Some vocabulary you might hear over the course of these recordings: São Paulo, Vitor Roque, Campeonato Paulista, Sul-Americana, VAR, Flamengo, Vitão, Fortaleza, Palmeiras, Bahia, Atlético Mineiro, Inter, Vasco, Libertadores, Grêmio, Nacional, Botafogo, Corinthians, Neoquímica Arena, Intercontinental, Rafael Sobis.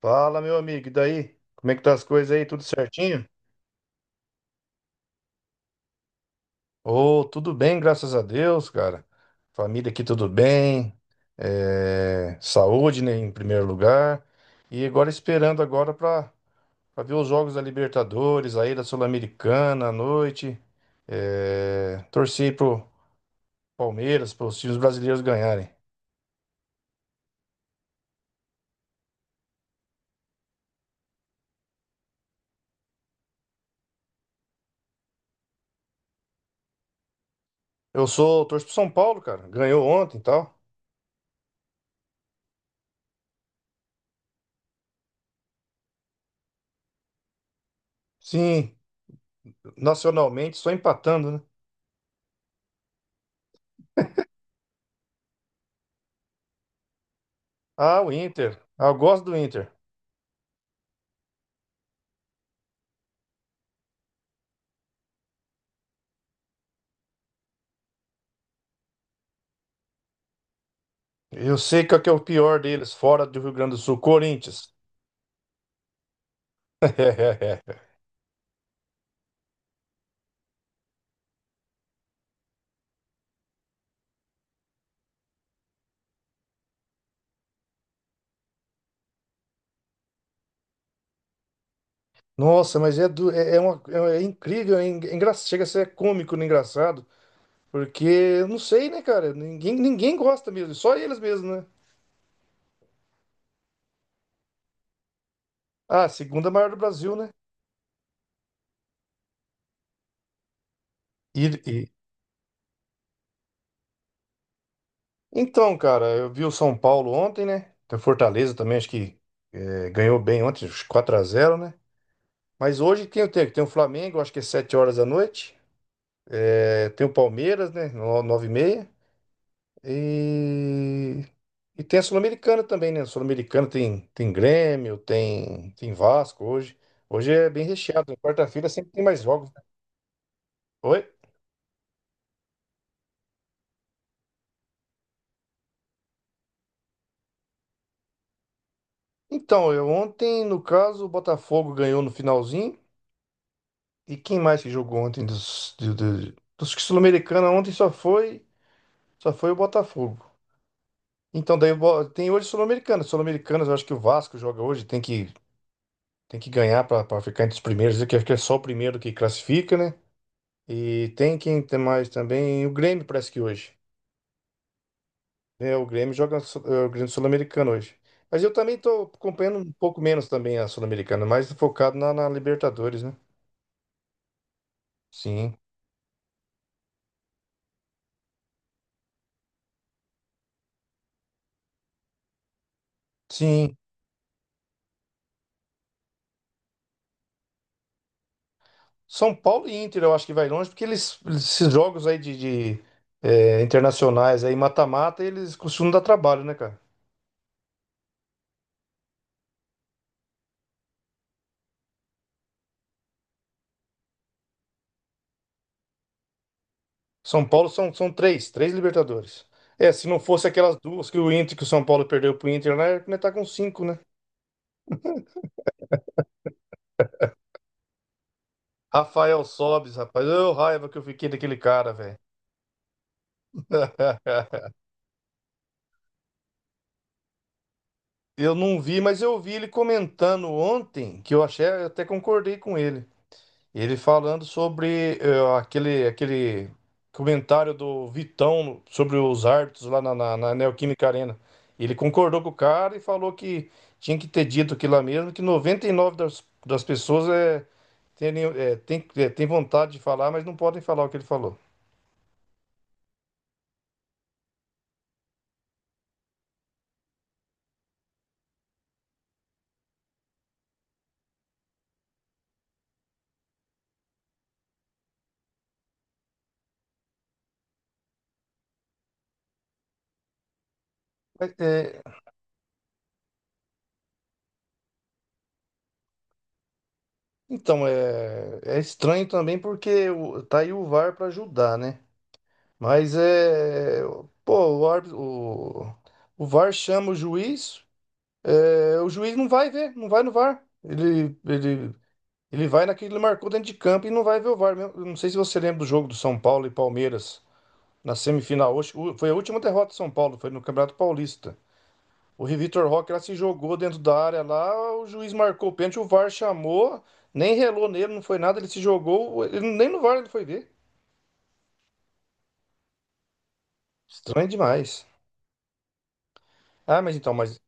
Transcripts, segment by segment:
Fala, meu amigo, e daí? Como é que tá as coisas aí? Tudo certinho? Ô, tudo bem, graças a Deus, cara. Família aqui tudo bem. Saúde, né, em primeiro lugar. E agora esperando agora para ver os jogos da Libertadores, aí da Sul-Americana à noite. Torcer pro Palmeiras, para os times brasileiros ganharem. Torço pro São Paulo, cara. Ganhou ontem e tal. Sim, nacionalmente só empatando, né? Ah, o Inter. Ah, eu gosto do Inter. Eu sei qual que é o pior deles, fora do Rio Grande do Sul, Corinthians. Nossa, mas é, é incrível, chega a ser cômico, né, engraçado, porque eu não sei, né, cara? Ninguém gosta mesmo, só eles mesmo, né? Ah, segunda maior do Brasil, né? E, e- Então, cara, eu vi o São Paulo ontem, né? Tem o Fortaleza também, ganhou bem ontem, acho que 4 a 0, né? Mas hoje tem o quê? Tem o Flamengo, acho que é 7 horas da noite. É, tem o Palmeiras, né? 9 e meia. E, tem a Sul-Americana também, né? A Sul-Americana tem, tem Grêmio, tem, tem Vasco hoje. Hoje é bem recheado, né? Quarta-feira sempre tem mais jogos, né? Oi? Então, eu ontem, no caso, o Botafogo ganhou no finalzinho. E quem mais que jogou ontem dos que Sul-Americana ontem só foi o Botafogo. Então, daí tem hoje Sul-Americana. Sul-Americanas, eu acho que o Vasco joga hoje, tem que ganhar para ficar entre os primeiros, que acho que é só o primeiro que classifica, né? E tem quem tem mais também. O Grêmio parece que hoje. Né o Grêmio joga o Grêmio Sul-Americano hoje. Mas eu também tô acompanhando um pouco menos também a Sul-Americana, mais focado na Libertadores, né? Sim. Sim. São Paulo e Inter eu acho que vai longe, porque eles, esses jogos aí de, internacionais aí, mata-mata, eles costumam dar trabalho, né, cara? São Paulo são 3 Libertadores. É, se não fosse aquelas duas que o Inter, que o São Paulo perdeu pro Inter, né, tá com 5, né? Rafael Sobis, rapaz. Raiva que eu fiquei daquele cara, velho. Eu não vi, mas eu vi ele comentando ontem, que eu achei, eu até concordei com ele. Ele falando sobre aquele comentário do Vitão sobre os árbitros lá na Neoquímica Arena. Ele concordou com o cara e falou que tinha que ter dito aquilo lá mesmo, que 99% das pessoas tem vontade de falar, mas não podem falar o que ele falou. Então, é estranho também porque tá aí o VAR para ajudar, né? Mas é. Pô, o VAR chama o juiz, é, o juiz não vai ver, não vai no VAR. Ele vai naquele que ele marcou dentro de campo e não vai ver o VAR mesmo. Eu não sei se você lembra do jogo do São Paulo e Palmeiras na semifinal. Hoje, foi a última derrota do São Paulo, foi no Campeonato Paulista. O Vitor Roque lá se jogou dentro da área lá, o juiz marcou o pênalti, o VAR chamou, nem relou nele, não foi nada, ele se jogou, ele, nem no VAR ele foi ver. Estranho demais. Ah, mas então, mas.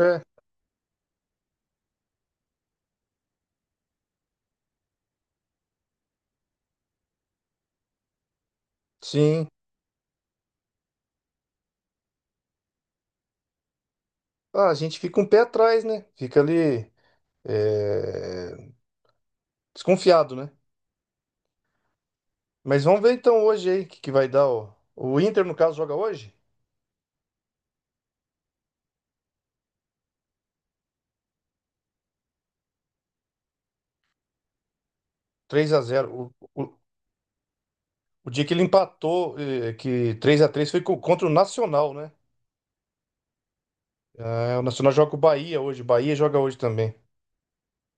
É, sim. Ah, a gente fica um pé atrás, né? Fica ali, é, desconfiado, né? Mas vamos ver então hoje aí que vai dar. O Inter, no caso, joga hoje? 3 a 0. O dia que ele empatou, eh, que 3 a 3 contra o Nacional, né? Ah, o Nacional joga com o Bahia hoje, Bahia joga hoje também.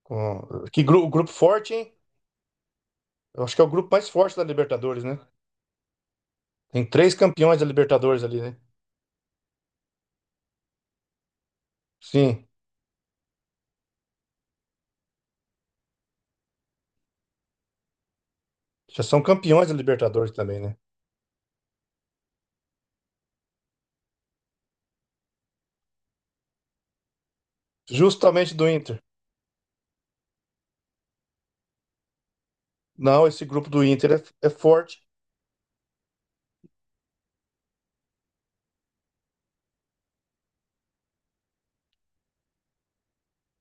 Grupo forte, hein? Eu acho que é o grupo mais forte da Libertadores, né? Tem três campeões da Libertadores ali, né? Sim, já são campeões da Libertadores também, né? Justamente do Inter. Não, esse grupo do Inter é, é forte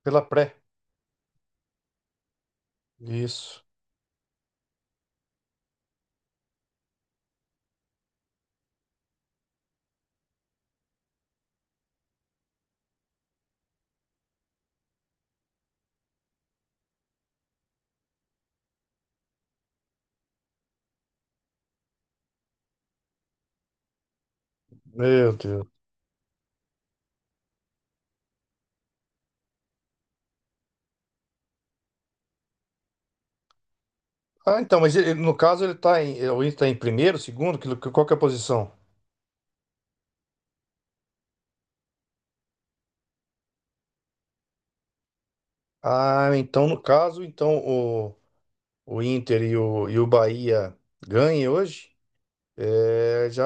pela pré. Isso. Meu Deus. Ah, então, no caso ele tá em, o Inter tá em primeiro, segundo, que, qual que é a posição? Ah, então no caso, então o Inter e o Bahia ganhem hoje, é, já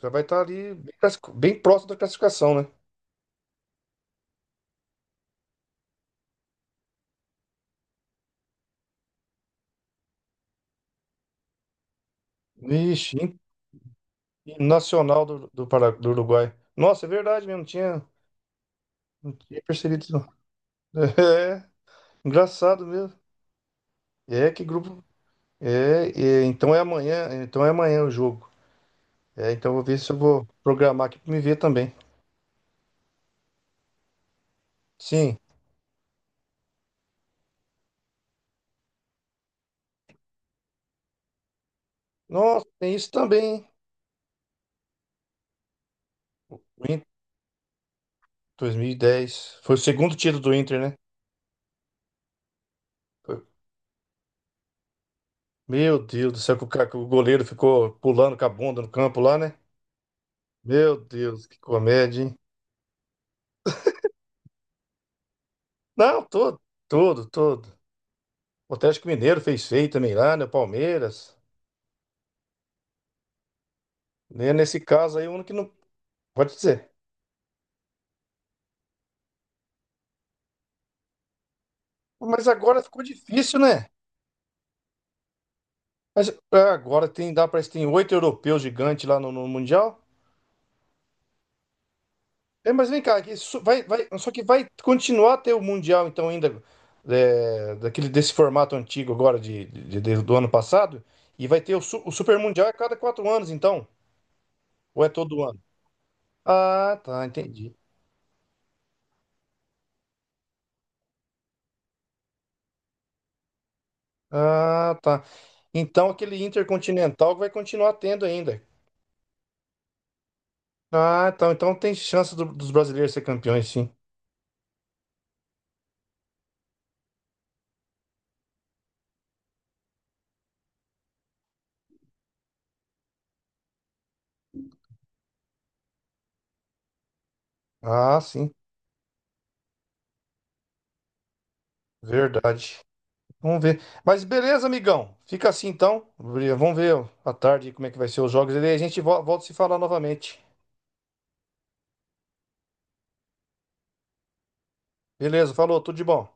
já vai estar ali bem, bem próximo da classificação, né? Vixe, in- Nacional do Uruguai. Nossa, é verdade mesmo, não tinha percebido isso, não. É, engraçado mesmo. É, que grupo. Então é amanhã o jogo. É, então eu vou ver se eu vou programar aqui para me ver também. Sim. Nossa, tem isso também, hein? O Inter 2010. Foi o segundo título do Inter, né? Foi- Meu Deus do céu, que que o goleiro ficou pulando com a bunda no campo lá, né? Meu Deus, que comédia, hein? Não, todo. O Atlético Mineiro fez feio também lá, né? O Palmeiras. Né? Nesse caso aí, o único que não. Pode dizer. Mas agora ficou difícil, né? Mas é, agora tem, dá, parece que tem 8 europeus gigantes lá no Mundial. É, mas vem cá, vai, só que vai continuar a ter o Mundial, então, ainda é, desse formato antigo agora do ano passado. E vai ter o Super Mundial a cada 4 anos, então. Ou é todo ano? Ah, tá, entendi. Ah, tá. Então aquele Intercontinental vai continuar tendo ainda. Ah, então, então tem chance dos brasileiros ser campeões, sim. Ah, sim. Verdade. Vamos ver. Mas beleza, amigão. Fica assim então. Vamos ver à tarde como é que vai ser os jogos. E daí a gente volta a se falar novamente. Beleza, falou, tudo de bom.